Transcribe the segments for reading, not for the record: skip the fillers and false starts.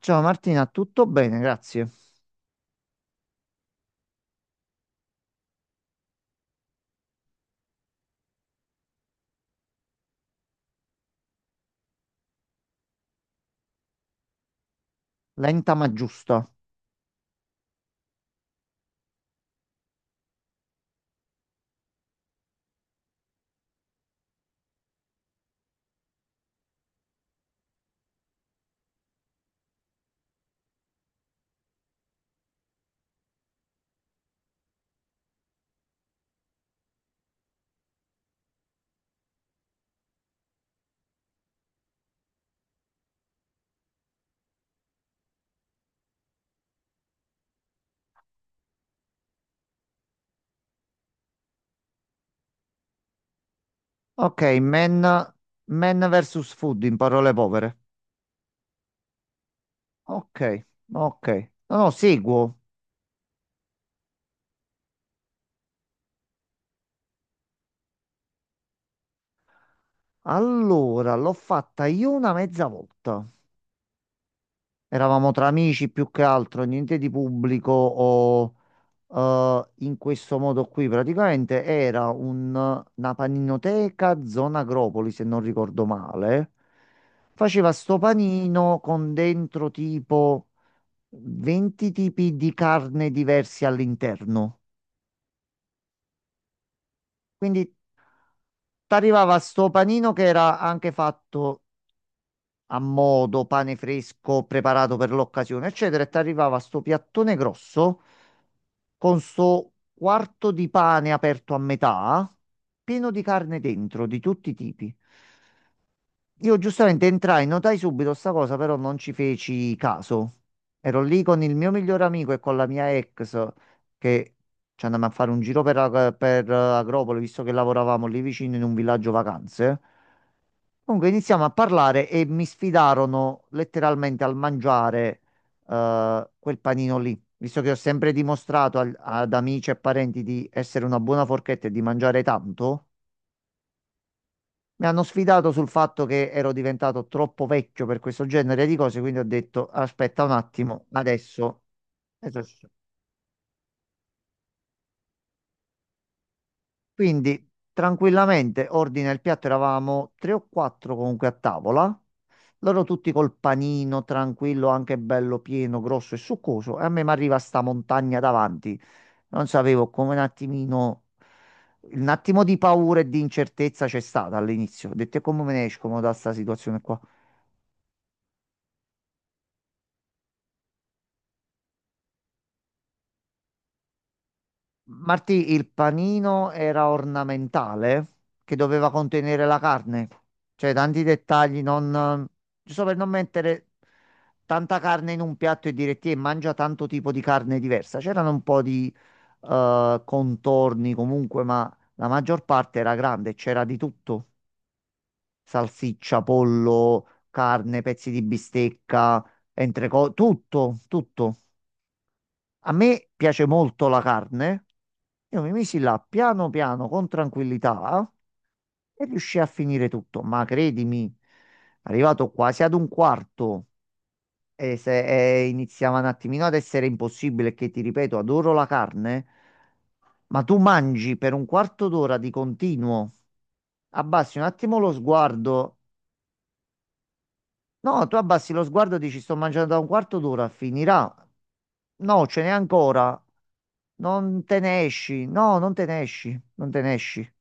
Ciao Martina, tutto bene, grazie. Lenta ma giusta. Ok, men, men versus food in parole povere. Ok, ok. No, no, seguo. Allora, l'ho fatta io una mezza volta. Eravamo tra amici più che altro, niente di pubblico o in questo modo qui. Praticamente era una paninoteca zona Agropoli, se non ricordo male. Faceva sto panino con dentro tipo 20 tipi di carne diversi all'interno. Quindi ti arrivava sto panino che era anche fatto a modo, pane fresco, preparato per l'occasione, eccetera, e ti arrivava sto piattone grosso con sto quarto di pane aperto a metà, pieno di carne dentro, di tutti i tipi. Io giustamente entrai, notai subito sta cosa, però non ci feci caso. Ero lì con il mio migliore amico e con la mia ex che ci andammo a fare un giro per, per Agropoli, visto che lavoravamo lì vicino in un villaggio vacanze. Comunque iniziamo a parlare e mi sfidarono letteralmente al mangiare quel panino lì, visto che ho sempre dimostrato ad amici e parenti di essere una buona forchetta e di mangiare tanto. Mi hanno sfidato sul fatto che ero diventato troppo vecchio per questo genere di cose, quindi ho detto aspetta un attimo, adesso. Esercito". Quindi tranquillamente ordina il piatto, eravamo tre o quattro comunque a tavola, loro tutti col panino tranquillo, anche bello pieno, grosso e succoso, e a me mi arriva sta montagna davanti. Non sapevo come un attimino, un attimo di paura e di incertezza c'è stata all'inizio. Ho detto "E come me ne esco mo da sta situazione qua". Martì, il panino era ornamentale che doveva contenere la carne, cioè tanti dettagli, non, giusto per non mettere tanta carne in un piatto e dire ti mangia tanto tipo di carne diversa. C'erano un po' di contorni comunque, ma la maggior parte era grande, c'era di tutto, salsiccia, pollo, carne, pezzi di bistecca, entrecot, tutto, tutto. A me piace molto la carne. Io mi misi là piano piano con tranquillità e riuscii a finire tutto. Ma credimi, arrivato quasi ad un quarto e se e iniziava un attimino ad essere impossibile, che ti ripeto, adoro la carne, ma tu mangi per un quarto d'ora di continuo, abbassi un attimo lo sguardo. No, tu abbassi lo sguardo e dici sto mangiando da un quarto d'ora, finirà. No, ce n'è ancora. Non te ne esci. No, non te ne esci. Non te ne esci.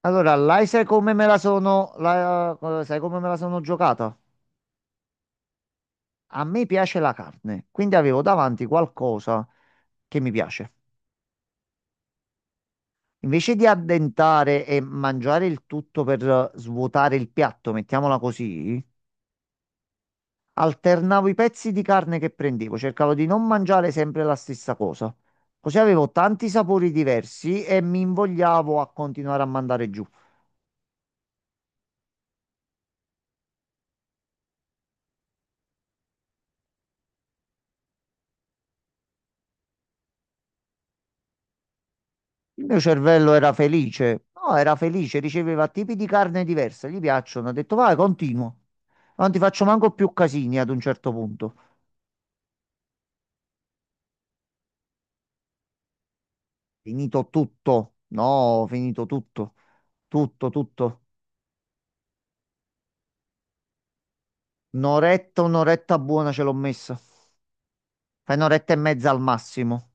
Allora, là sai come me la sono, sai come me la sono giocata? A me piace la carne, quindi avevo davanti qualcosa che mi piace. Invece di addentare e mangiare il tutto per svuotare il piatto, mettiamola così, alternavo i pezzi di carne che prendevo, cercavo di non mangiare sempre la stessa cosa. Così avevo tanti sapori diversi e mi invogliavo a continuare a mandare giù. Il mio cervello era felice. No, era felice, riceveva tipi di carne diversa, gli piacciono. Ho detto, vai, continuo. Non ti faccio manco più casini ad un certo punto. Finito tutto. No, finito tutto. Tutto, tutto. Un'oretta, un'oretta buona ce l'ho messa. Fai un'oretta e mezza al massimo.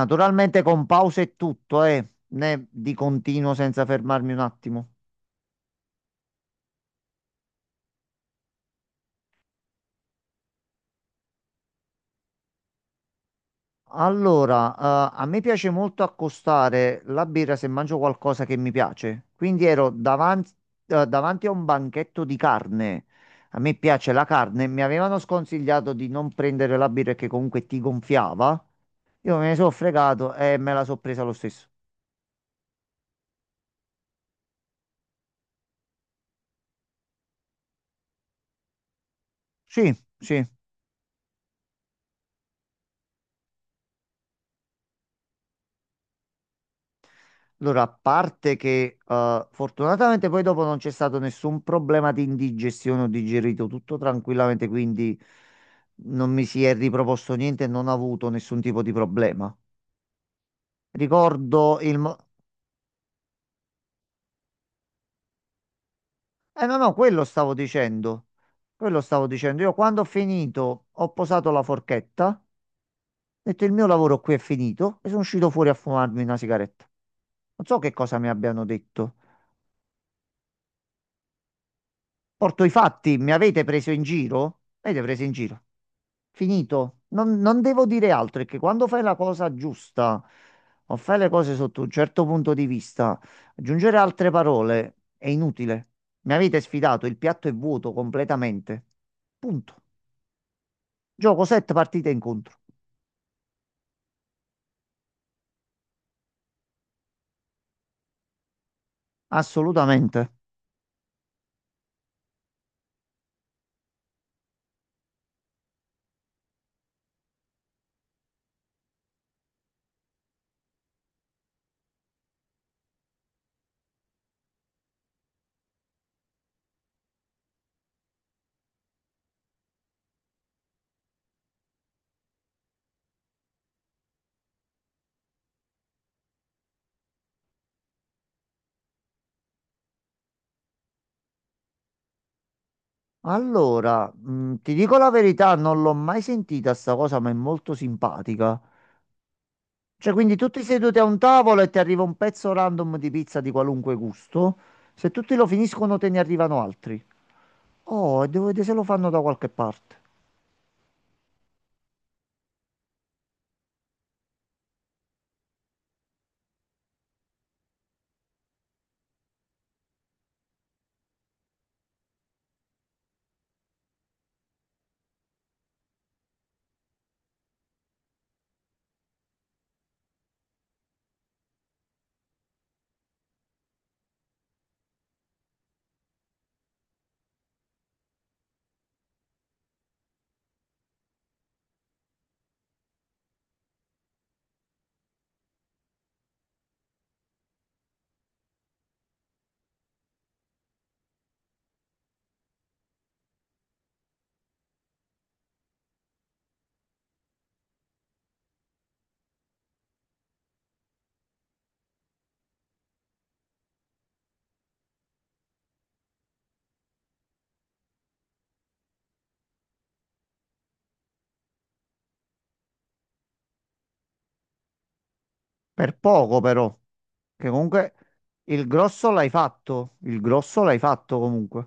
Naturalmente con pause e tutto, eh. Né di continuo senza fermarmi un attimo. Allora, a me piace molto accostare la birra se mangio qualcosa che mi piace. Quindi ero davanti, davanti a un banchetto di carne. A me piace la carne. Mi avevano sconsigliato di non prendere la birra che comunque ti gonfiava. Io me ne sono fregato e me la sono presa lo stesso. Sì, sì. Allora, a parte che fortunatamente poi dopo non c'è stato nessun problema di indigestione, ho digerito tutto tranquillamente, quindi non mi si è riproposto niente e non ho avuto nessun tipo di problema. Ricordo il... Eh no, no, quello stavo dicendo. Quello stavo dicendo. Io quando ho finito ho posato la forchetta, ho detto il mio lavoro qui è finito e sono uscito fuori a fumarmi una sigaretta. Non so che cosa mi abbiano detto. Porto i fatti, mi avete preso in giro? Mi avete preso in giro? Finito. Non devo dire altro, è che quando fai la cosa giusta o fai le cose sotto un certo punto di vista, aggiungere altre parole è inutile. Mi avete sfidato, il piatto è vuoto completamente. Punto. Gioco 7 partite incontro. Assolutamente. Allora, ti dico la verità, non l'ho mai sentita sta cosa, ma è molto simpatica. Cioè, quindi tutti seduti a un tavolo e ti arriva un pezzo random di pizza di qualunque gusto. Se tutti lo finiscono, te ne arrivano altri. Oh, devo vedere se lo fanno da qualche parte. Per poco però, che comunque il grosso l'hai fatto, il grosso l'hai fatto comunque.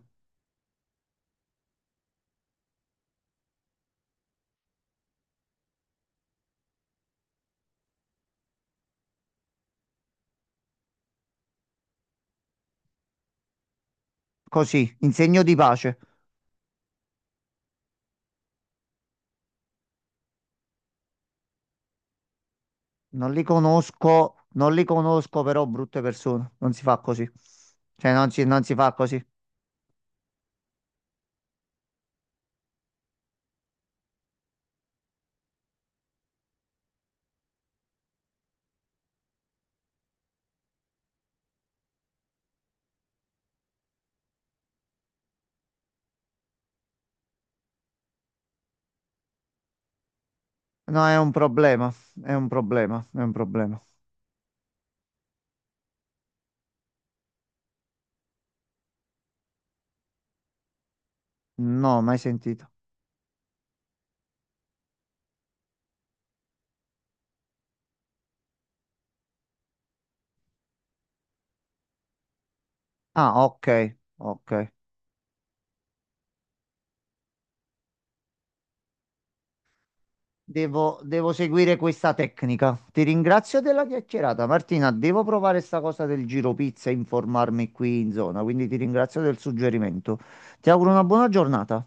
Così, in segno di pace. Non li conosco, non li conosco però brutte persone, non si fa così. Cioè non si fa così. No, è un problema, è un problema, è un problema. No, mai sentito. Ah, ok, ok. Devo, devo seguire questa tecnica. Ti ringrazio della chiacchierata, Martina. Devo provare sta cosa del giro pizza e informarmi qui in zona, quindi ti ringrazio del suggerimento. Ti auguro una buona giornata.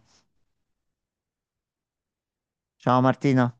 Ciao Martina.